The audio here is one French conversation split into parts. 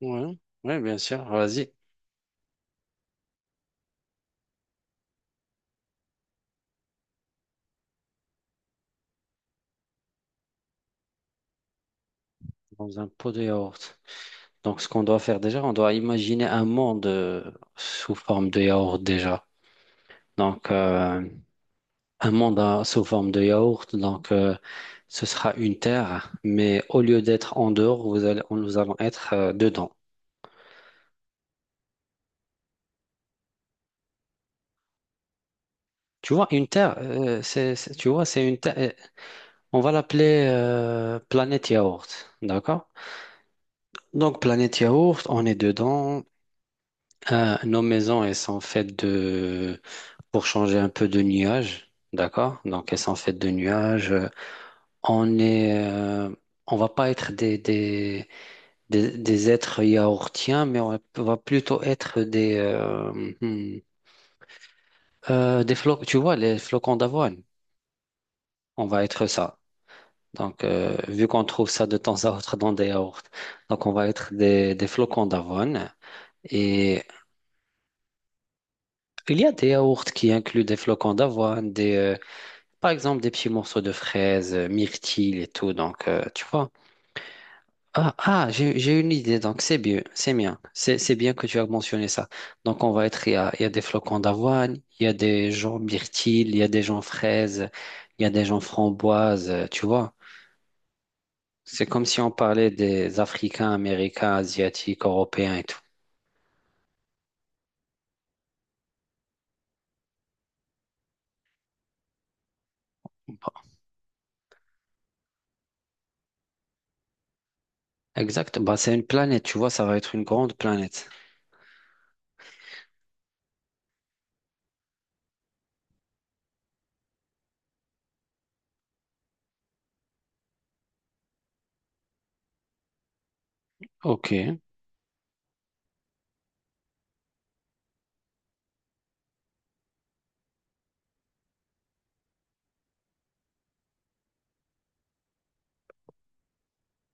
Ouais, ouais, bien sûr. Vas-y, dans un pot de yaourt. Donc, ce qu'on doit faire déjà, on doit imaginer un monde sous forme de yaourt déjà. Donc, euh, un monde sous forme de yaourt. Donc, ce sera une terre, mais au lieu d'être en dehors, nous allons être dedans. Tu vois, une terre, tu vois, c'est une terre. On va l'appeler planète yaourt, d'accord? Donc, planète yaourt, on est dedans. Nos maisons, elles sont faites de, pour changer un peu, de nuages, d'accord? Donc, elles sont faites de nuages. On est, euh, on va pas être des êtres yaourtiens, mais on va plutôt être des, hmm, des flocons, tu vois, les flocons d'avoine. On va être ça. Donc, vu qu'on trouve ça de temps à autre dans des yaourts, donc on va être des flocons d'avoine. Et il y a des yaourts qui incluent des flocons d'avoine, par exemple, des petits morceaux de fraises, myrtilles et tout. Donc, tu vois. Ah, ah, j'ai une idée. Donc, c'est bien. C'est bien. C'est bien que tu as mentionné ça. Donc, on va être, il y a des flocons d'avoine, il y a des gens myrtilles, il y a des gens fraises, il y a des gens framboises, tu vois. C'est comme si on parlait des Africains, Américains, Asiatiques, Européens et tout. Exact. Bah, c'est une planète, tu vois. Ça va être une grande planète. Ok.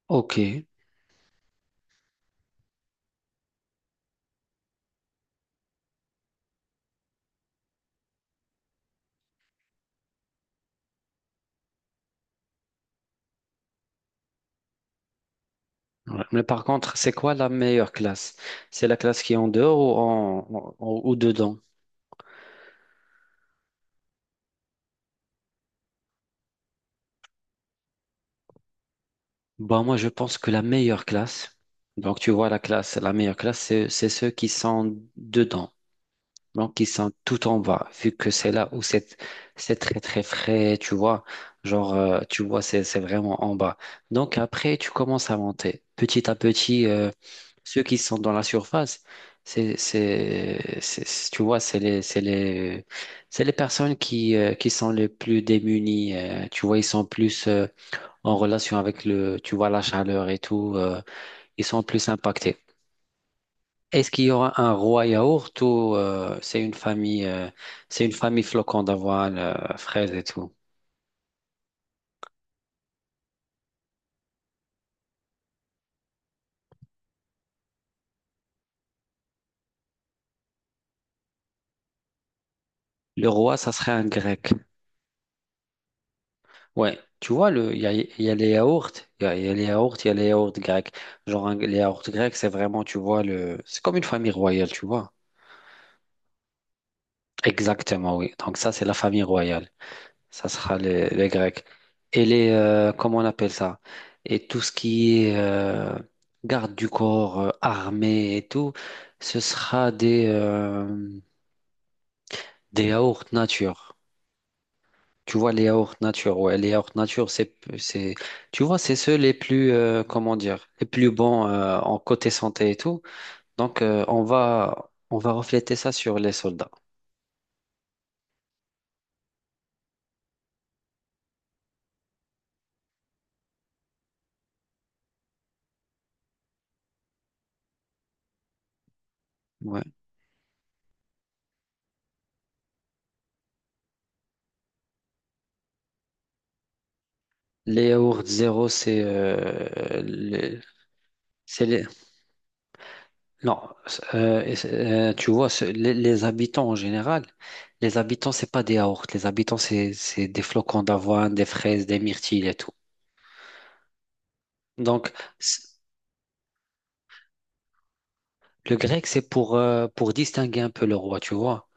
Ok. Ouais. Mais par contre, c'est quoi la meilleure classe? C'est la classe qui est en dehors ou dedans? Bah, moi, je pense que la meilleure classe, donc tu vois la classe, la meilleure classe, c'est ceux qui sont dedans. Donc, ils sont tout en bas, vu que c'est là où c'est très très frais, tu vois. Genre, tu vois, c'est vraiment en bas. Donc, après, tu commences à monter. Petit à petit, ceux qui sont dans la surface, tu vois, c'est les personnes qui sont les plus démunies. Tu vois, ils sont plus en relation avec le, tu vois, la chaleur et tout. Ils sont plus impactés. Est-ce qu'il y aura un roi yaourt ou c'est une famille flocon d'avoine, fraises et tout? Le roi, ça serait un grec. Ouais, tu vois, le, il y a les yaourts, il y a les yaourts, il y a les yaourts grecs. Genre, les yaourts grecs, c'est vraiment, tu vois, c'est comme une famille royale, tu vois. Exactement, oui. Donc ça, c'est la famille royale. Ça sera les Grecs. Et les, comment on appelle ça? Et tout ce qui est garde du corps, armée et tout, ce sera des yaourts nature. Tu vois, les yaourts nature, ouais, les yaourts nature, tu vois, c'est ceux les plus, comment dire, les plus bons en côté santé et tout. Donc, on va refléter ça sur les soldats. Ouais. Les yaourts zéro, c'est c'est les- non, tu vois, les habitants en général, les habitants, c'est pas des yaourts. Les habitants, c'est des flocons d'avoine, des fraises, des myrtilles et tout. Donc, c- le grec, c'est pour distinguer un peu le roi, tu vois.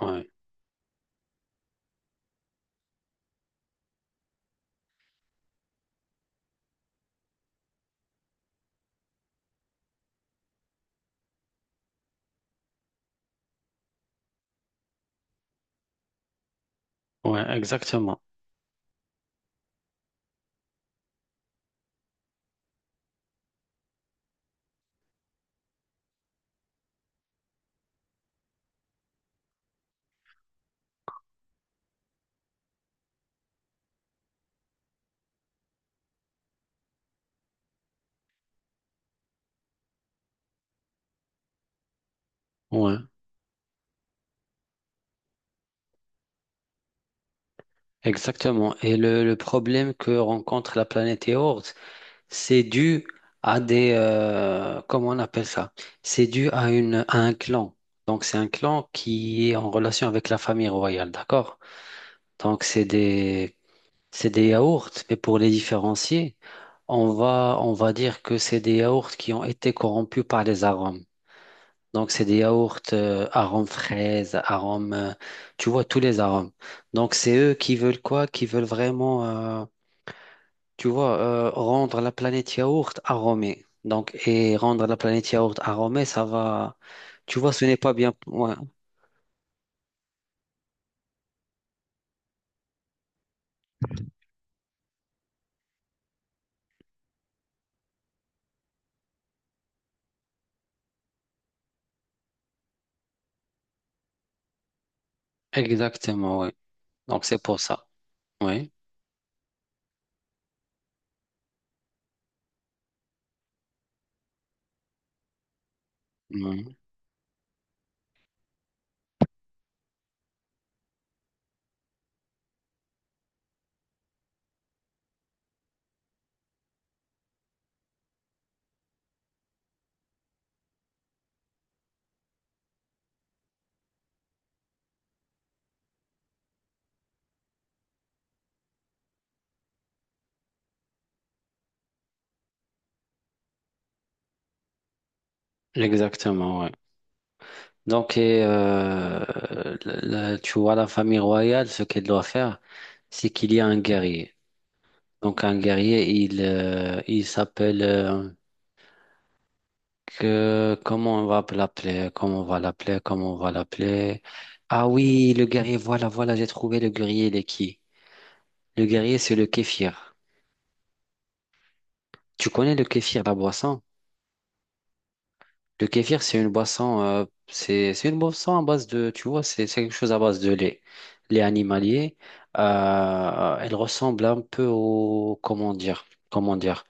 Ouais, ouais, exactement. Ouais, exactement. Et le problème que rencontre la planète yaourt, c'est dû à des, comment on appelle ça? C'est dû à à un clan. Donc, c'est un clan qui est en relation avec la famille royale, d'accord? Donc, c'est des yaourts, mais pour les différencier, on va dire que c'est des yaourts qui ont été corrompus par les arômes. Donc, c'est des yaourts arômes fraises, arômes, tu vois, tous les arômes. Donc, c'est eux qui veulent quoi? Qui veulent vraiment, rendre la planète yaourt aromée. Donc, et rendre la planète yaourt aromée, ça va, tu vois, ce n'est pas bien. Ouais, exactement, oui. Donc, c'est pour ça. Oui. Oui. Exactement. Donc, et, la- tu vois, la famille royale, ce qu'elle doit faire, c'est qu'il y a un guerrier. Donc, un guerrier, il s'appelle, comment on va l'appeler, comment on va l'appeler, comment on va l'appeler. Ah oui, le guerrier, voilà, voilà, j'ai trouvé le guerrier, il est qui? Le guerrier, c'est le kéfir. Tu connais le kéfir, la boisson? Le kéfir, c'est une boisson, c'est une boisson à base de, tu vois, c'est quelque chose à base de lait. Lait animalier, elle ressemble un peu au, comment dire,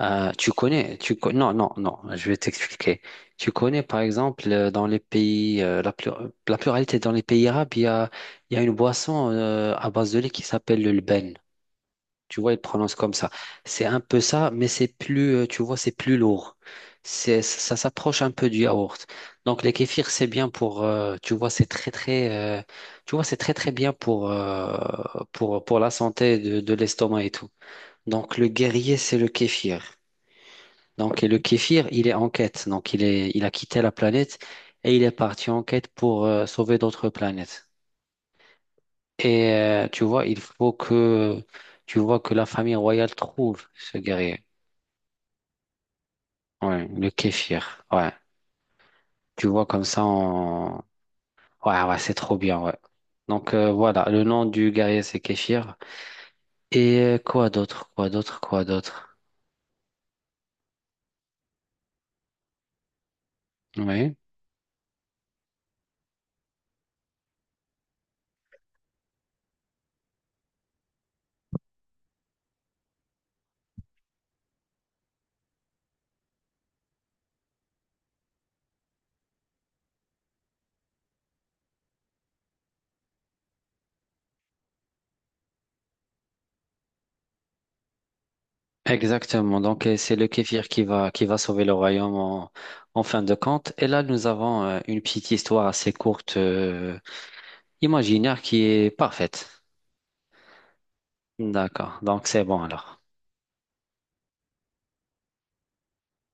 tu connais, tu con- non, non, non, je vais t'expliquer. Tu connais, par exemple, dans les pays, la pluralité dans les pays arabes, il y a une boisson, à base de lait qui s'appelle le lben. Tu vois, ils prononcent comme ça. C'est un peu ça, mais c'est plus, tu vois, c'est plus lourd. Ça s'approche un peu du yaourt. Donc, les kéfirs, c'est bien pour, tu vois, c'est très, très bien pour, pour la santé de l'estomac et tout. Donc, le guerrier, c'est le kéfir. Donc, et le kéfir, il est en quête. Donc, il a quitté la planète et il est parti en quête pour, sauver d'autres planètes. Et, tu vois, que la famille royale trouve ce guerrier. Ouais, le kéfir. Ouais. Tu vois comme ça on... Ouais, ouais, c'est trop bien, ouais. Donc voilà, le nom du guerrier c'est kéfir. Et quoi d'autre? Quoi d'autre? Quoi d'autre? Oui. Exactement. Donc c'est le kéfir qui va sauver le royaume en, en fin de compte. Et là nous avons une petite histoire assez courte, imaginaire qui est parfaite. D'accord. Donc c'est bon alors.